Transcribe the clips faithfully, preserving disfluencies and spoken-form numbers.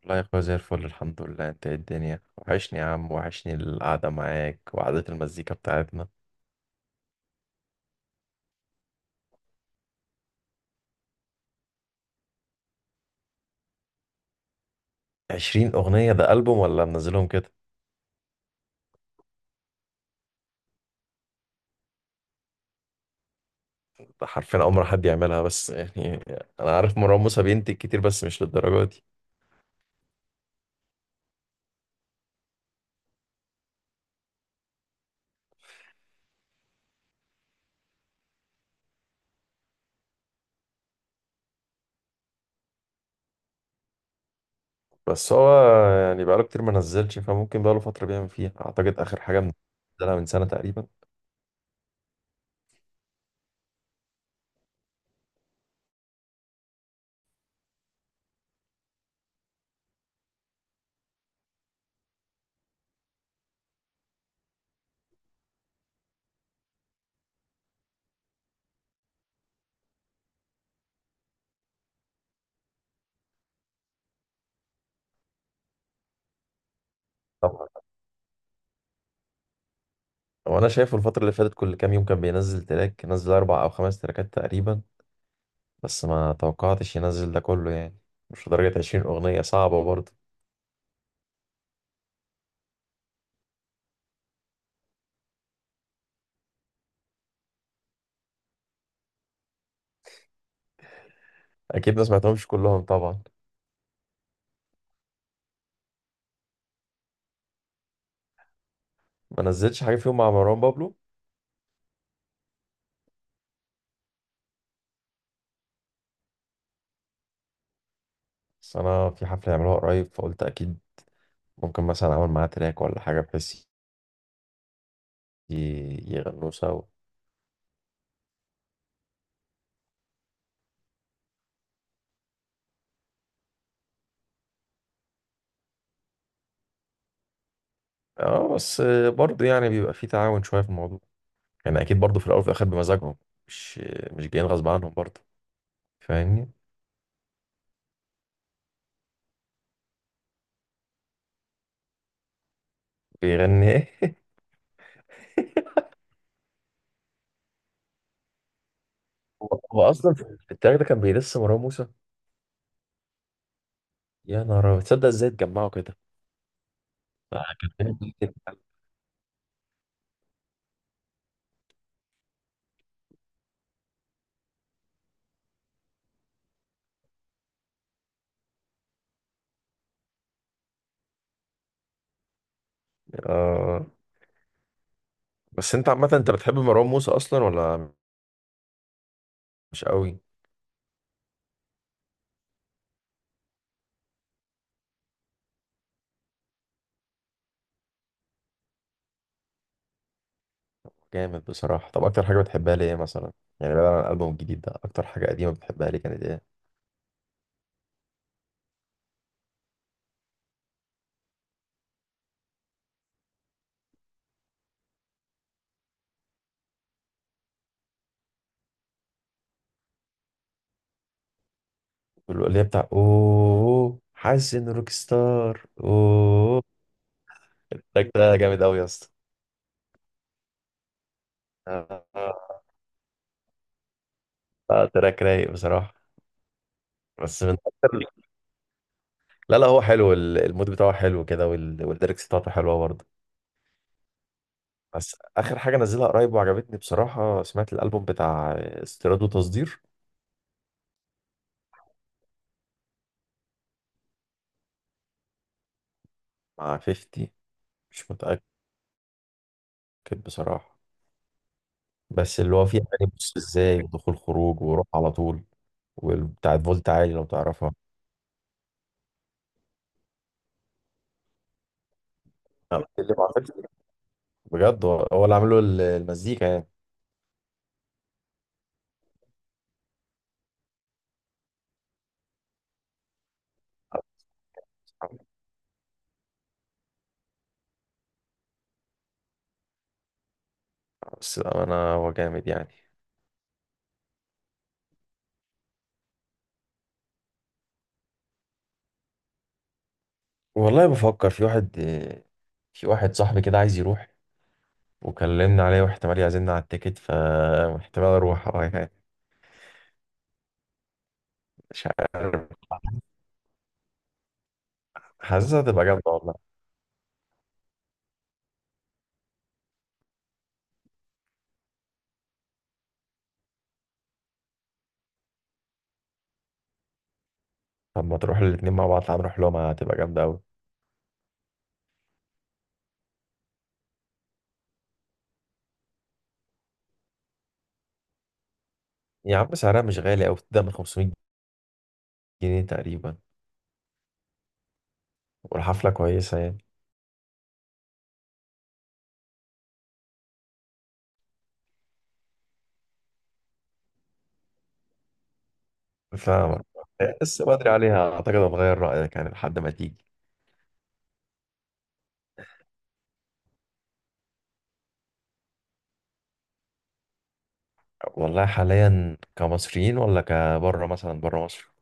والله يا اخويا زي الفل، الحمد لله. انت ايه؟ الدنيا وحشني يا عم، وحشني القعدة معاك وقعدة المزيكا بتاعتنا. عشرين أغنية؟ ده ألبوم ولا منزلهم كده؟ ده حرفيا أول مرة حد يعملها، بس يعني أنا عارف مروان موسى بينتج كتير، بس مش للدرجة دي. بس هو يعني بقاله كتير ما نزلش، فممكن بقاله فترة بيعمل فيها. أعتقد آخر حاجة منزلها من سنة تقريبا. طبعا. وأنا شايفه الفترة اللي فاتت كل كام يوم كان بينزل تراك، نزل أربع أو خمس تراكات تقريبا. بس ما توقعتش ينزل ده كله يعني. مش لدرجة عشرين أغنية، صعبة برضه. اكيد ما سمعتهمش كلهم طبعا. ما نزلتش حاجه فيهم مع مروان بابلو؟ بس انا في حفله يعملوها قريب، فقلت اكيد ممكن مثلا اعمل معاه تراك ولا حاجه، بحيث ي- يغنوا سوا. اه بس برضه يعني بيبقى في تعاون شويه في الموضوع. يعني اكيد برضه في الاول وفي الاخر بمزاجهم. مش مش جايين غصب عنهم برضه. فاهمني؟ بيغني ايه؟ هو هو اصلا في التراك ده كان بيدس مروان موسى. يا نهار أبيض، تصدق ازاي اتجمعوا كده؟ آه، كان فيلم جامد جداً. آه، بس انت عامه انت بتحب مروان موسى اصلا ولا مش قوي؟ جامد بصراحة. طب أكتر حاجة بتحبها ليه مثلا؟ يعني بعيد عن الألبوم الجديد ده، أكتر حاجة قديمة بتحبها ليه؟ كانت إيه؟ اللي هي بتاع أوه حاسس إن روك ستار أوه. التراك ده جامد أوي يا اسطى. آه، آه، تراك رايق بصراحة. بس من أكتر. لا لا، هو حلو، ال- المود بتاعه حلو كده، وال... والليركس بتاعته حلوة برضه. بس آخر حاجة نزلها قريب وعجبتني بصراحة، سمعت الألبوم بتاع استيراد وتصدير. مع خمسين؟ مش متأكد. بصراحة بس اللي هو فيه اغاني بص ازاي، ودخول خروج، وروح على طول، وبتاعت فولت عالي لو تعرفها. أنا اللي ما عملش. بجد، هو هو اللي عامله ال- المزيكا يعني. بس انا هو جامد يعني. والله بفكر. في واحد في واحد صاحبي كده عايز يروح، وكلمنا عليه واحتمال يعزمنا على التيكت، فاحتمال اروح. اه يعني مش عارف. حاسسها هتبقى جامده والله. طب ما تروح الاتنين مع بعض، تعال نروح لهم، هتبقى جامده قوي. يا عم سعرها مش غالي قوي، بتبدا من خمسمية جنيه تقريبا، والحفله كويسه يعني. فاهمك. لسه بدري عليها، اعتقد هتغير رايك يعني لحد ما تيجي. والله حاليا كمصريين ولا كبره مثلا بره مصر؟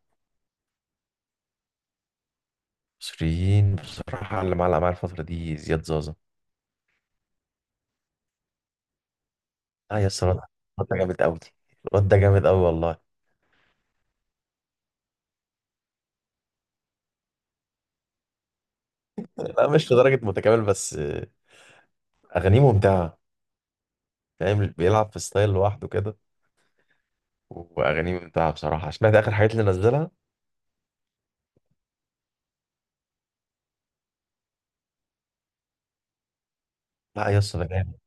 مصريين بصراحه اللي معلق معايا الفتره دي زياد زازا. اه يا اسطى، الواد الواد ده جامد قوي، الواد ده جامد قوي والله. لا مش لدرجه متكامل، بس اغانيه ممتعه. فاهم، بيلعب في ستايل لوحده كده، واغانيه ممتعه بصراحه. سمعت اخر حاجات اللي نزلها. لا يا اسطى ده جامد.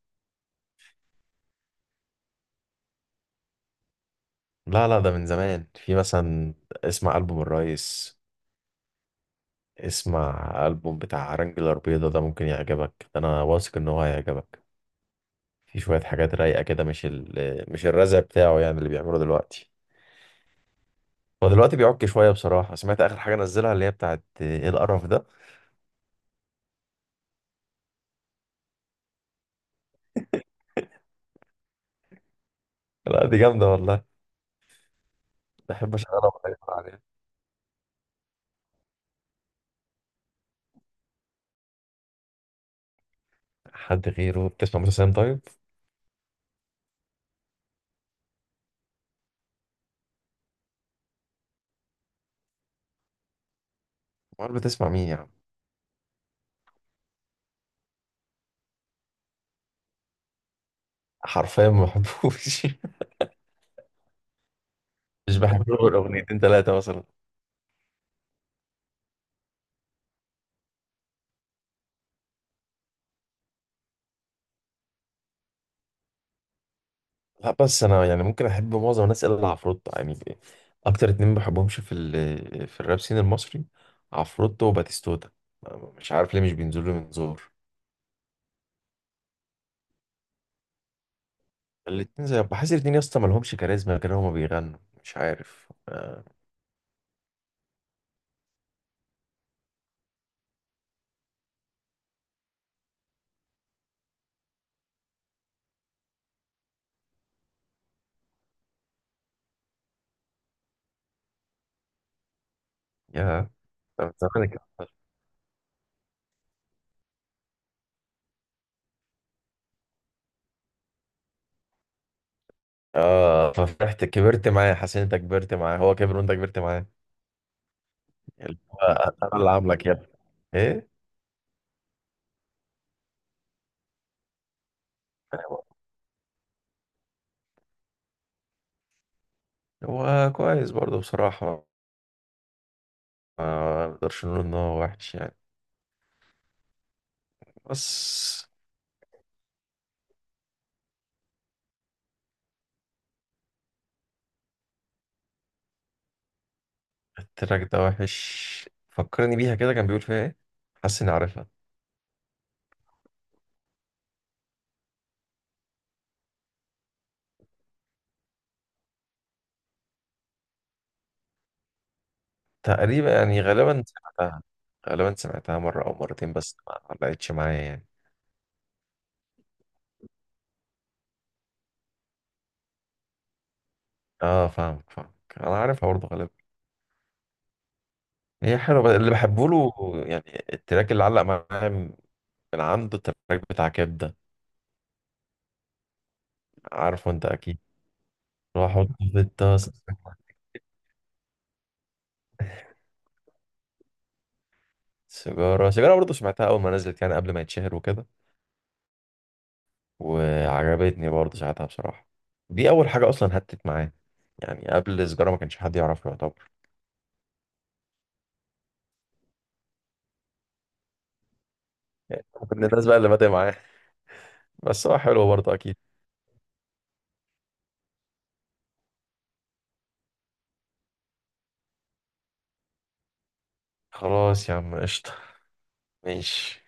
لا لا ده من زمان، في مثلا، اسمع ألبوم الريس، اسمع ألبوم بتاع رانجلر بيضة ده ممكن يعجبك، ده أنا واثق إن هو هيعجبك. في شوية حاجات رايقة كده، مش ال مش الرزع بتاعه يعني اللي بيعمله دلوقتي. هو دلوقتي بيعك شوية بصراحة. سمعت آخر حاجة نزلها اللي هي بتاعت إيه القرف ده. لا دي جامدة والله، بحب أشغلها وأتفرج عليها. حد غيره؟ بتسمع موسى سام طيب؟ أمال بتسمع مين يا عم؟ حرفيا ما بحبوش. مش بحب له غير أغنيتين تلاتة مثلا. لا بس انا يعني ممكن احب معظم الناس الا عفروتو يعني. اكتر اتنين ما بحبهمش في ال في الراب سين المصري، عفروتو وباتيستوتا. مش عارف ليه، مش بينزلوا من زور. الاتنين زي، بحس الاتنين يا اسطى مالهمش كاريزما كده هما بيغنوا. مش عارف. آه، يا، طب زمان كان أحسن. اه ففرحت كبرت معاه، حسين انت كبرت معاه، هو كبر وانت كبرت معاه. اللي هو انا اللي عاملك يا ابني. ايه. هو كويس برضه بصراحة، ما نقدرش نقول ان هو وحش يعني. بس التراك ده وحش، فكرني بيها كده. كان بيقول فيها ايه؟ حاسس اني عارفها. تقريبا يعني، غالبا سمعتها. غالبا سمعتها مرة او مرتين، بس ما ما لقيتش معايا يعني. اه فاهمك فاهمك، انا عارفها برضه غالبا. هي حلوة، بس اللي بحبه له يعني التراك اللي علق معايا من عنده، التراك بتاع كبدة، عارفه انت اكيد، واحط في الطاسة. سيجارة، سيجارة برضه سمعتها أول ما نزلت يعني قبل ما يتشهر وكده، وعجبتني برضه ساعتها بصراحة. دي أول حاجة أصلا هتت معايا، يعني قبل سجارة ما كانش حد يعرفه يعتبر. كنا الناس بقى اللي بادئ معاه. بس هو حلو برضه أكيد. خلاص يا عم قشطة، ماشي.